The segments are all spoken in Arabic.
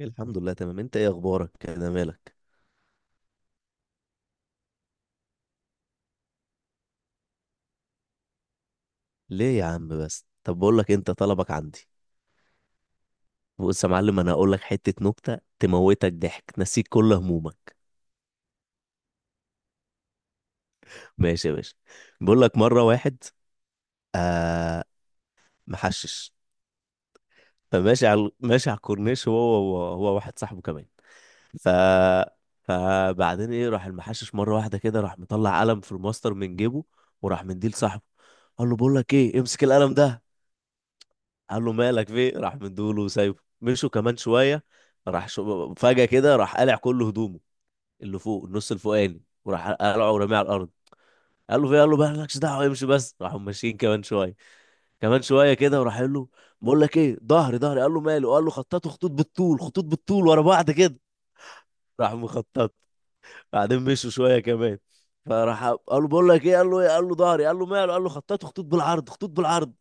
الحمد لله، تمام. انت ايه اخبارك كده؟ مالك ليه يا عم؟ بس، طب بقول لك، انت طلبك عندي. بص يا معلم، انا هقول لك حته نكته تموتك ضحك، تنسيك كل همومك. ماشي يا باشا. بقول لك مره واحد. آه. محشش. فماشي على الكورنيش، هو واحد صاحبه كمان. ف فبعدين ايه، راح المحشش مره واحده كده، راح مطلع قلم في الماستر من جيبه، وراح مديه لصاحبه. قال له بقول لك ايه، امسك القلم ده. قال له مالك، في إيه؟ راح مدوله وسايبه، مشوا كمان شويه. راح فجاه كده راح قلع كل هدومه، اللي فوق النص الفوقاني، وراح قلعه ورميه على الارض. قال له في إيه؟ قال له بقى مالكش دعوه، امشي بس. راحوا ماشيين كمان شويه، كمان شويه كده، وراح قال له: بقول لك ايه، ظهري، ظهري. قال له ماله؟ قال له خططوا خطوط بالطول، خطوط بالطول ورا بعض كده. راح مخطط. بعدين مشوا شويه كمان. فراح قال له بقول لك ايه. قال له ايه؟ قال له ظهري. قال له ماله؟ قال له خططوا خطوط بالعرض، خطوط بالعرض.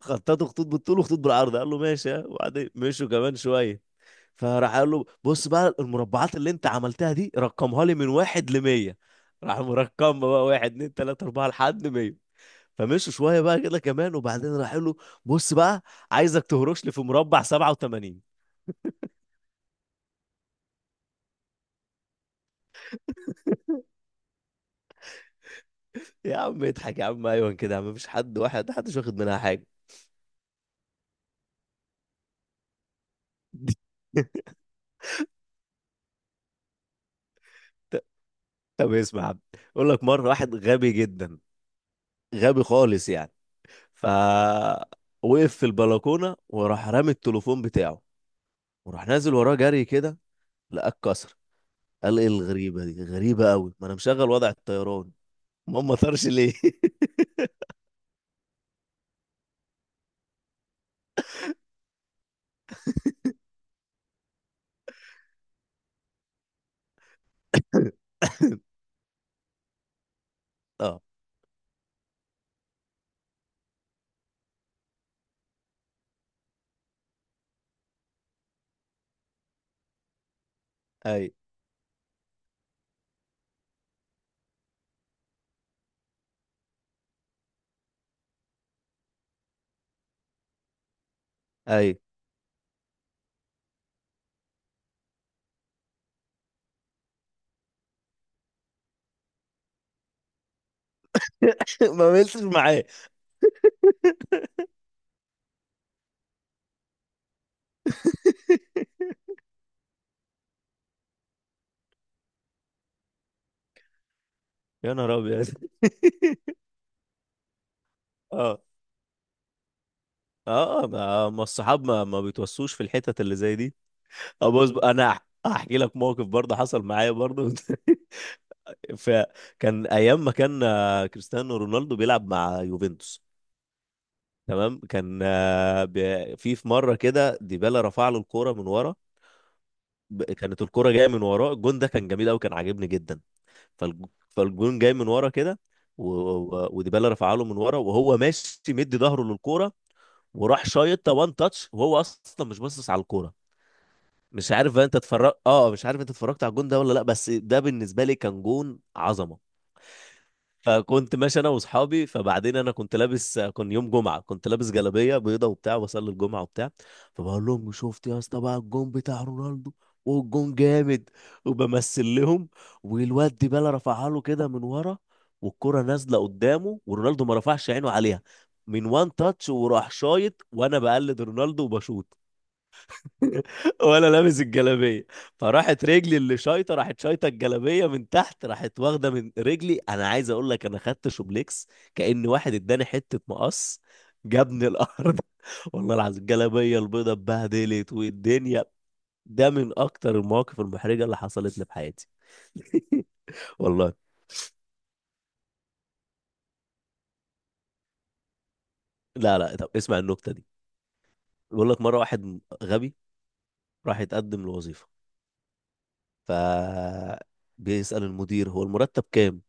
خططوا خطوط بالطول وخطوط بالعرض. قال له ماشي، ها. وبعدين مشوا كمان شويه. فراح قال له بص بقى، المربعات اللي انت عملتها دي، رقمها لي من واحد لمية. راح مرقم بقى، واحد اتنين تلاتة أربعة لحد 100. فمشوا شوية بقى كده كمان، وبعدين راح قال له: بص بقى، عايزك تهرش لي في مربع 87. يا عم اضحك، يا عم أيوة كده يا عم، مفيش حد، واحد محدش واخد منها حاجة. ط- طب اسمع يا عم. يقول لك مرة واحد غبي جدا، غبي خالص يعني. ف وقف في البلكونة وراح رامي التليفون بتاعه. وراح نازل وراه جري كده، لقاه اتكسر. قال ايه الغريبة دي؟ غريبة قوي، ما انا مشغل وضع الطيران، ما طارش ليه. اه، اي، اي. ما ملتش معاه. يا نهار ابيض. اه، اه، ما الصحاب ما بيتوسوش في الحتت اللي زي دي. اه، بص بقى، انا احكي لك موقف برضه حصل معايا برضه. فكان ايام ما كان كريستيانو رونالدو بيلعب مع يوفنتوس. تمام. كان في مره كده ديبالا رفع له الكوره من ورا. كانت الكرة جاية من وراه، الجون ده كان جميل قوي، كان عاجبني جدا. فالجون جاي من ورا كده. وديبالا رفع له من ورا، وهو ماشي مدي ظهره للكرة. وراح شايطها وان تاتش، وهو اصلا مش باصص على الكرة. مش عارف بقى انت اتفرجت اه مش عارف انت اتفرجت على الجون ده ولا لا، بس ده بالنسبة لي كان جون عظمة. فكنت ماشي انا واصحابي. فبعدين انا كنت لابس كان يوم جمعه، كنت لابس جلابيه بيضه وبتاع، وبصلي الجمعه وبتاع. فبقول لهم شفت يا اسطى بقى الجون بتاع رونالدو؟ والجون جامد. وبمثل لهم. والواد ديبالا رفعها له كده من ورا. والكره نازله قدامه، ورونالدو ما رفعش عينه عليها. من وان تاتش وراح شايط، وانا بقلد رونالدو وبشوط. ولا لابس الجلابيه. فراحت رجلي اللي شايطه، راحت شايطه الجلابيه من تحت، راحت واخده من رجلي، انا عايز اقول لك انا خدت شوبليكس، كأن واحد اداني حته مقص، جابني الارض. والله العظيم الجلابيه البيضه اتبهدلت والدنيا. ده من اكتر المواقف المحرجه اللي حصلت لي في حياتي والله. لا، لا، طب اسمع النكته دي. بيقول لك مره واحد غبي راح يتقدم لوظيفه. ف بيسأل المدير هو المرتب كام.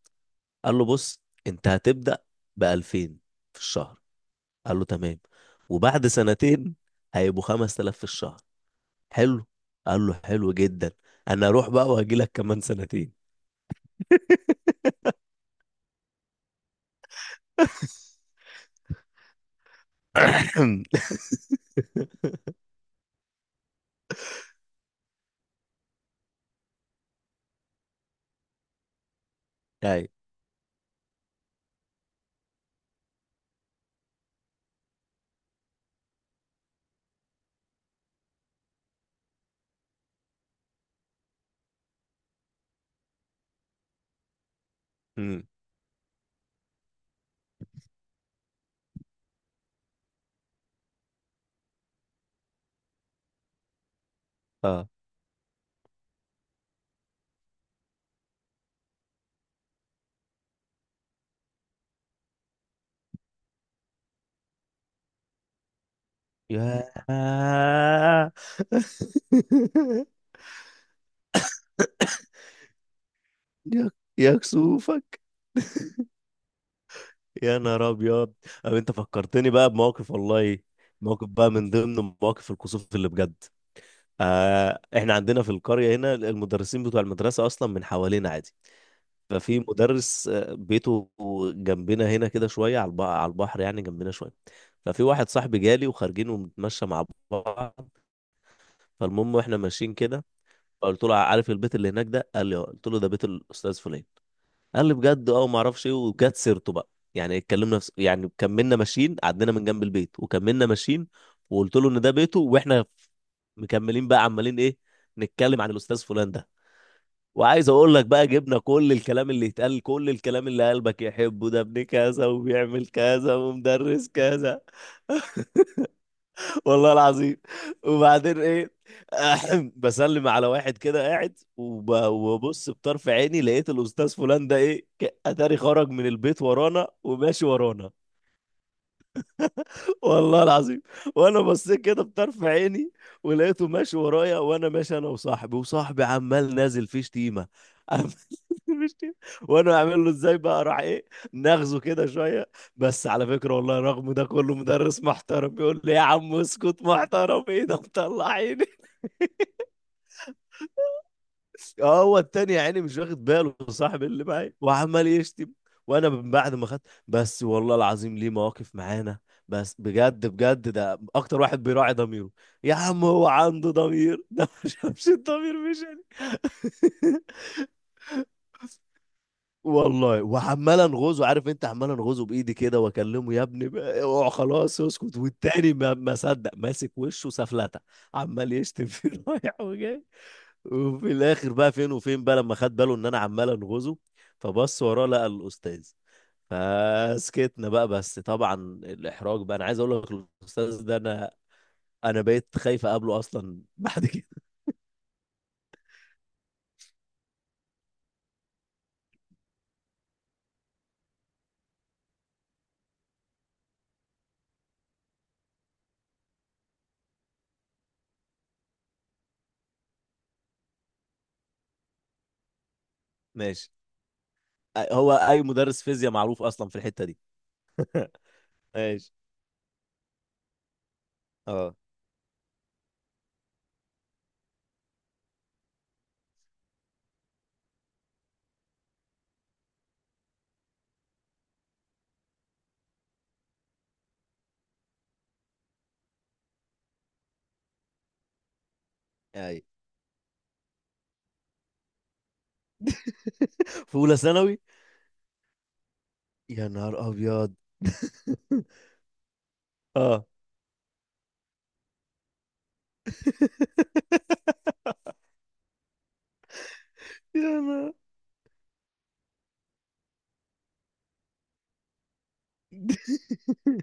قال له بص، انت هتبدأ ب 2000 في الشهر. قال له تمام. وبعد سنتين هيبقوا 5000 في الشهر. حلو. قال له حلو جدا. انا اروح بقى وهجي لك كمان سنتين. ايوه. امم. اه. يا. يا يا كسوفك. يا نهار ابيض. أو انت فكرتني بقى بموقف، والله. موقف بقى من ضمن مواقف الكسوف اللي بجد. احنا عندنا في القرية هنا المدرسين بتوع المدرسة اصلا من حوالينا عادي. ففي مدرس بيته جنبنا هنا كده شوية، على البحر يعني جنبنا شوية. ففي واحد صاحبي جالي، وخارجين وبنتمشى مع بعض. فالمهم واحنا ماشيين كده، فقلت له عارف البيت اللي هناك ده؟ قال لي آه. قلت له ده بيت الاستاذ فلان. قال لي بجد، اه، وما اعرفش ايه، وجت سيرته بقى. يعني كملنا ماشيين عدينا من جنب البيت وكملنا ماشيين. وقلت له ان ده بيته، واحنا مكملين بقى، عمالين ايه؟ نتكلم عن الاستاذ فلان ده. وعايز اقول لك بقى، جبنا كل الكلام اللي يتقال، كل الكلام اللي قلبك يحبه، ده ابن كذا، وبيعمل كذا، ومدرس كذا، والله العظيم. وبعدين ايه، بسلم على واحد كده قاعد، وببص بطرف عيني، لقيت الاستاذ فلان ده ايه، اتاري خرج من البيت ورانا وماشي ورانا. والله العظيم. وانا بصيت كده بطرف عيني، ولقيته ماشي ورايا، وانا ماشي انا وصاحبي، وصاحبي عمال نازل فيه شتيمه. عمال نازل فيه شتيمة. وانا اعمل له ازاي بقى، راح ايه، ناخذه كده شويه. بس على فكره والله، رغم ده كله مدرس محترم، بيقول لي يا عم اسكت، محترم ايه ده، مطلعيني. اه، هو التاني يا عيني مش واخد باله، صاحب اللي معايا وعمال يشتم. وانا من بعد ما خدت. بس والله العظيم ليه مواقف معانا، بس بجد بجد ده اكتر واحد بيراعي ضميره. يا عم، هو عنده ضمير؟ ده ما شافش الضمير مشاني. والله وعمال انغزه، عارف انت عمال انغزه بايدي كده، واكلمه يا ابني اوعى، خلاص اسكت، والتاني ما صدق ماسك وشه سفلته. عمال يشتم فيه. رايح وجاي. وفي الاخر بقى، فين وفين بقى، لما خد باله ان انا عمال انغزه. فبص وراه لقى الاستاذ. فسكتنا بقى، بس طبعا الاحراج بقى، انا عايز اقول لك، الاستاذ ده انا بقيت خايف اقابله اصلا بعد كده. ماشي. هو اي مدرس فيزياء معروف اصلا في الحتة دي. ماشي. اه. اي. في اولى ثانوي؟ يا نهار ابيض! اه. يا نهار.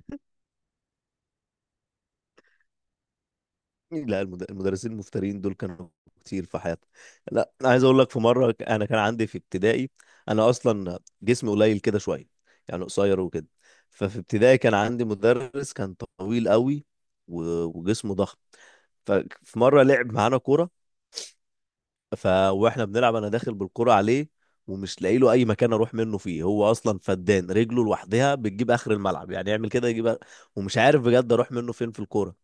لا، المدرسين المفترين دول كانوا كتير في حياتنا. لا، انا عايز اقول لك في مره، انا كان عندي في ابتدائي. انا اصلا جسمي قليل كده شويه، يعني قصير وكده. ففي ابتدائي كان عندي مدرس كان طويل قوي، وجسمه ضخم. ففي مره لعب معانا كوره. ف واحنا بنلعب، انا داخل بالكرة عليه. ومش لاقي له اي مكان اروح منه فيه، هو اصلا فدان، رجله لوحدها بتجيب اخر الملعب، يعني يعمل كده يجيب ومش عارف بجد اروح منه فين في الكرة.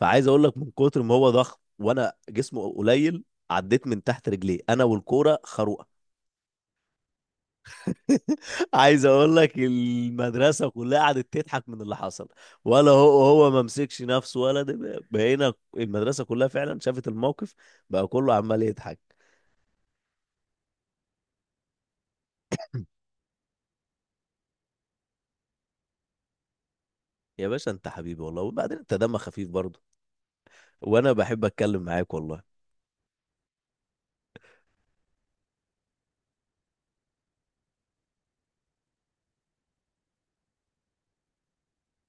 فعايز اقول لك من كتر ما هو ضخم، وانا جسمه قليل، عديت من تحت رجليه انا والكوره خروقه. عايز اقول لك المدرسه كلها قعدت تضحك من اللي حصل. ولا هو ما مسكش نفسه، ولا ده، بقينا المدرسه كلها فعلا شافت الموقف. بقى كله عمال يضحك. يا باشا انت حبيبي والله، وبعدين انت دمك خفيف برضه. وانا بحب اتكلم معاك والله.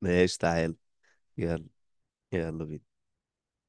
ماشي، تعال. يلا، يلا بينا.